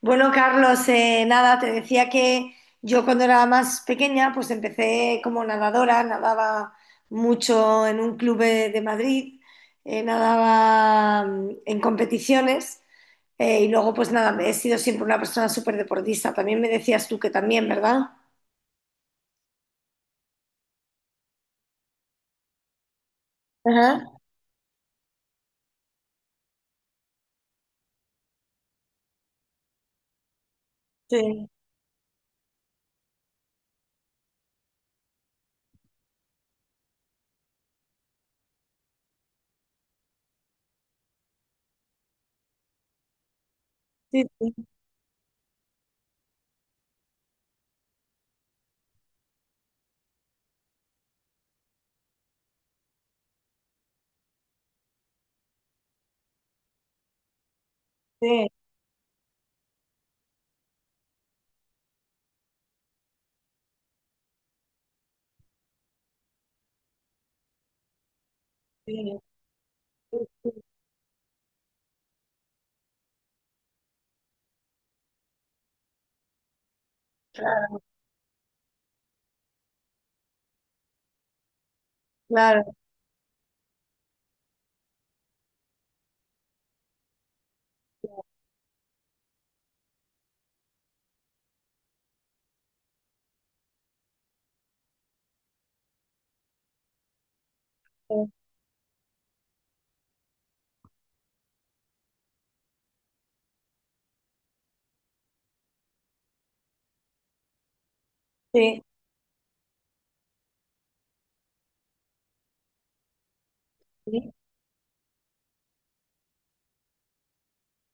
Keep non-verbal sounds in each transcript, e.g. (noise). Bueno, Carlos, nada, te decía que yo cuando era más pequeña, pues empecé como nadadora, nadaba mucho en un club de Madrid. Nadaba en competiciones, y luego pues nada, me he sido siempre una persona súper deportista. También me decías tú que también, ¿verdad? Ajá, sí, sí, sí, sí, sí, sí, claro, claro, sí, sí.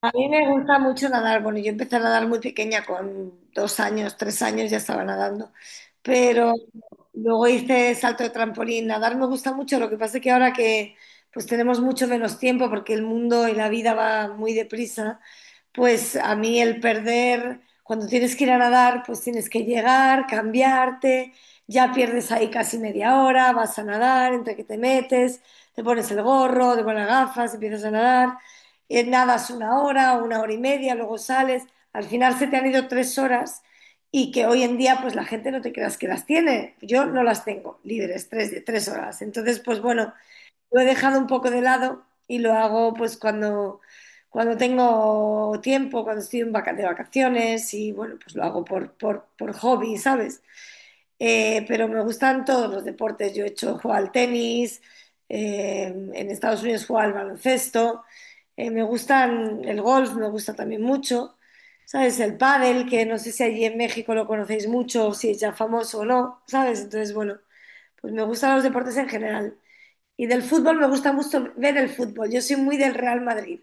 A mí me gusta mucho nadar. Bueno, yo empecé a nadar muy pequeña, con dos años, tres años ya estaba nadando. Pero luego hice salto de trampolín. Nadar me gusta mucho. Lo que pasa es que ahora que pues tenemos mucho menos tiempo porque el mundo y la vida va muy deprisa, pues a mí el perder, cuando tienes que ir a nadar, pues tienes que llegar, cambiarte, ya pierdes ahí casi media hora, vas a nadar, entre que te metes, te pones el gorro, te pones las gafas, empiezas a nadar, nadas una hora y media, luego sales, al final se te han ido tres horas y que hoy en día pues la gente no te creas que las tiene, yo no las tengo libres, tres horas, entonces pues bueno, lo he dejado un poco de lado y lo hago pues cuando tengo tiempo, cuando estoy en de vacaciones y bueno, pues lo hago por hobby, ¿sabes? Pero me gustan todos los deportes. Yo he hecho, juego al tenis, en Estados Unidos juego al baloncesto. Me gustan el golf, me gusta también mucho. ¿Sabes? El pádel, que no sé si allí en México lo conocéis mucho, o si es ya famoso o no, ¿sabes? Entonces, bueno, pues me gustan los deportes en general. Y del fútbol me gusta mucho ver el fútbol. Yo soy muy del Real Madrid.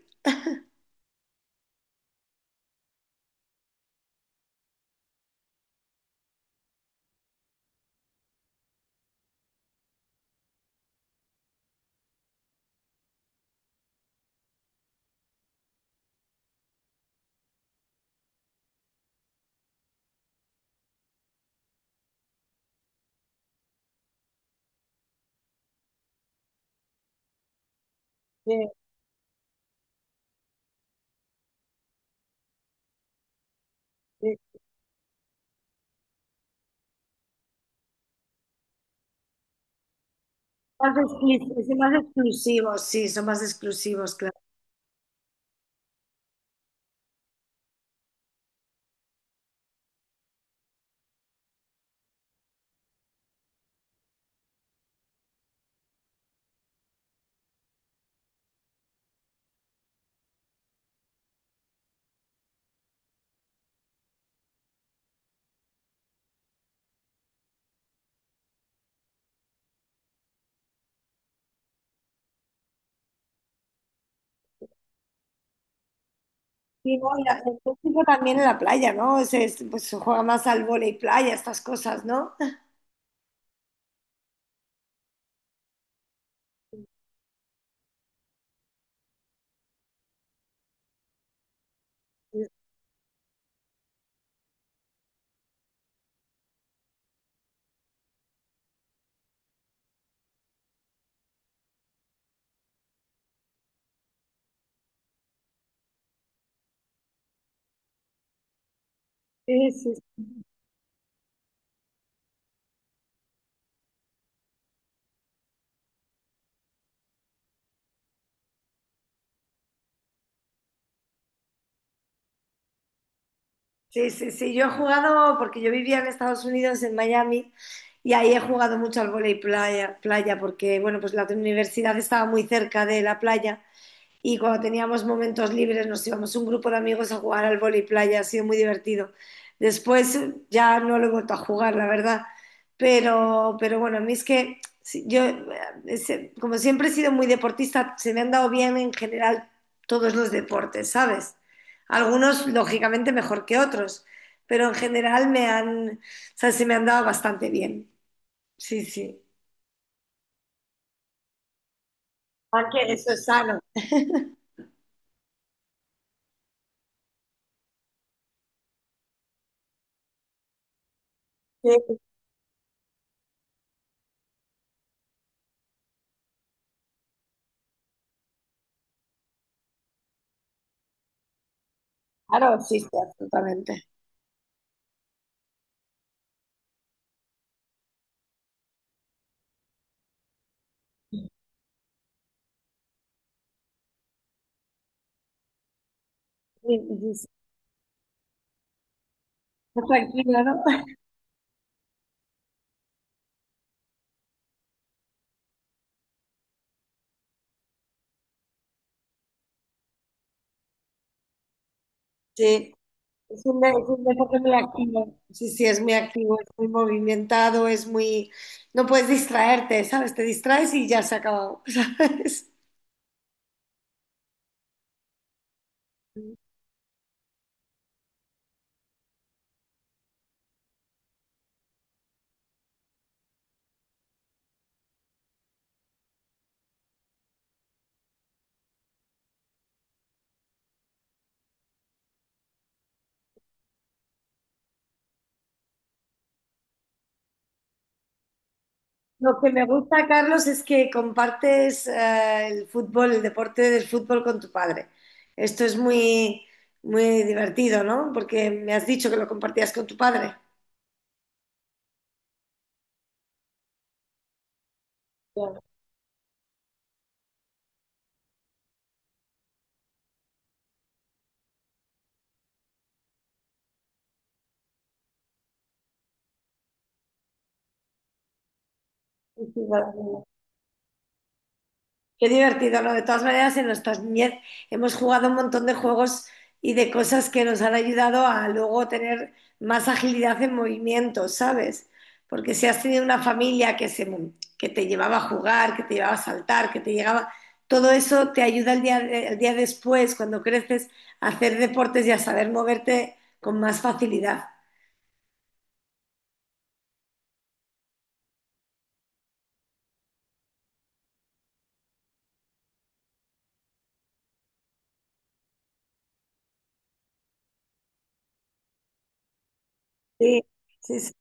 Sí, sí. Son más exclusivos, sí, son más exclusivos, claro. Sí, no, y el fútbol también en la playa, ¿no? Pues se juega más al vóley playa, estas cosas, ¿no? Sí, sí, sí, sí, sí. Yo he jugado, porque yo vivía en Estados Unidos, en Miami, y ahí he jugado mucho al vóley playa, playa, porque, bueno, pues la universidad estaba muy cerca de la playa y cuando teníamos momentos libres nos íbamos un grupo de amigos a jugar al vóley playa, ha sido muy divertido. Después ya no lo he vuelto a jugar, la verdad, pero bueno, a mí es que sí, es- como siempre he sido muy deportista, se me han dado bien en general todos los deportes, ¿sabes? Algunos, lógicamente, mejor que otros, pero en general me han, o sea, se me han dado bastante bien. Sí, sí. Aunque eso es sano. Sí, claro, sí, sí, absolutamente. Sí, sí, está tranquila, ¿no? Sí, es un, es un deporte muy activo. Sí, sí, es muy activo, es muy movimentado, es muy... No puedes distraerte, ¿sabes? Te distraes y ya se ha acabado, (laughs) ¿sabes? Lo que me gusta, Carlos, es que compartes el fútbol, el deporte del fútbol con tu padre. Esto es muy, muy divertido, ¿no? Porque me has dicho que lo compartías con tu padre. Ya, sí, sí, vale. Qué divertido, ¿no? De todas maneras, en nuestra niñez hemos jugado un montón de juegos y de cosas que nos han ayudado a luego tener más agilidad en movimiento, ¿sabes? Porque si has tenido una familia que te llevaba a jugar, que te llevaba a saltar, que te llegaba, todo eso te ayuda el día después, cuando creces, a hacer deportes y a saber moverte con más facilidad. Sí, sí, sí.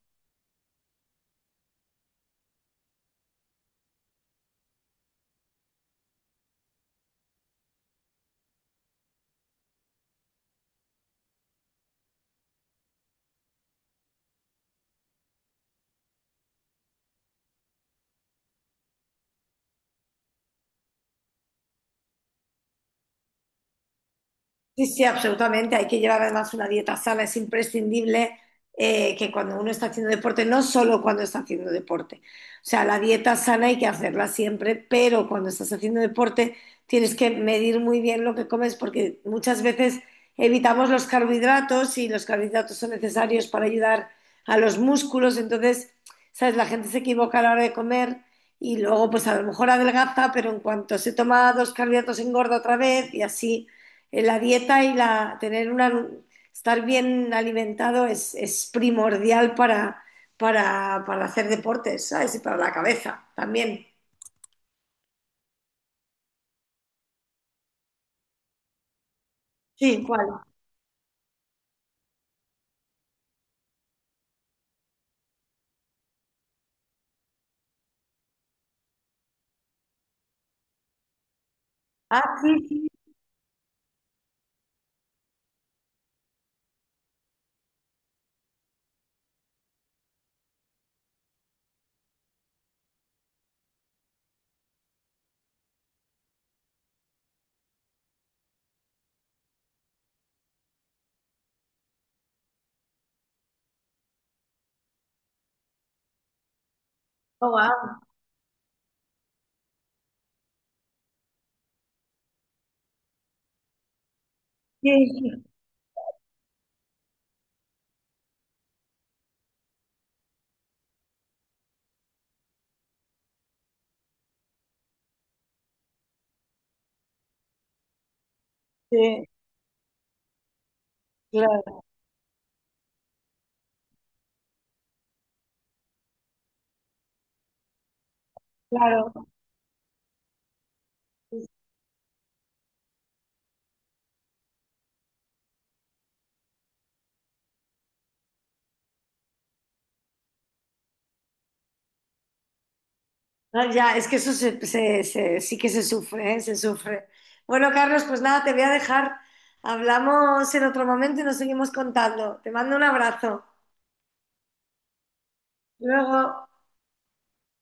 Sí, sí, absolutamente. Hay que llevar además una dieta sana. Es imprescindible, que cuando uno está haciendo deporte, no solo cuando está haciendo deporte, o sea, la dieta sana hay que hacerla siempre, pero cuando estás haciendo deporte tienes que medir muy bien lo que comes porque muchas veces evitamos los carbohidratos y los carbohidratos son necesarios para ayudar a los músculos. Entonces, ¿sabes? La gente se equivoca a la hora de comer y luego pues a lo mejor adelgaza, pero en cuanto se toma dos carbohidratos engorda otra vez y así, la dieta tener una, estar bien alimentado es primordial para hacer deportes, ¿sabes? Y para la cabeza también. Sí. ¿Cuál? Ah, sí, sí. Oh, wow. Sí, sí, sí, claro, claro. Ah, ya, es que eso sí que se sufre, ¿eh? Se sufre. Bueno, Carlos, pues nada, te voy a dejar. Hablamos en otro momento y nos seguimos contando. Te mando un abrazo. Luego.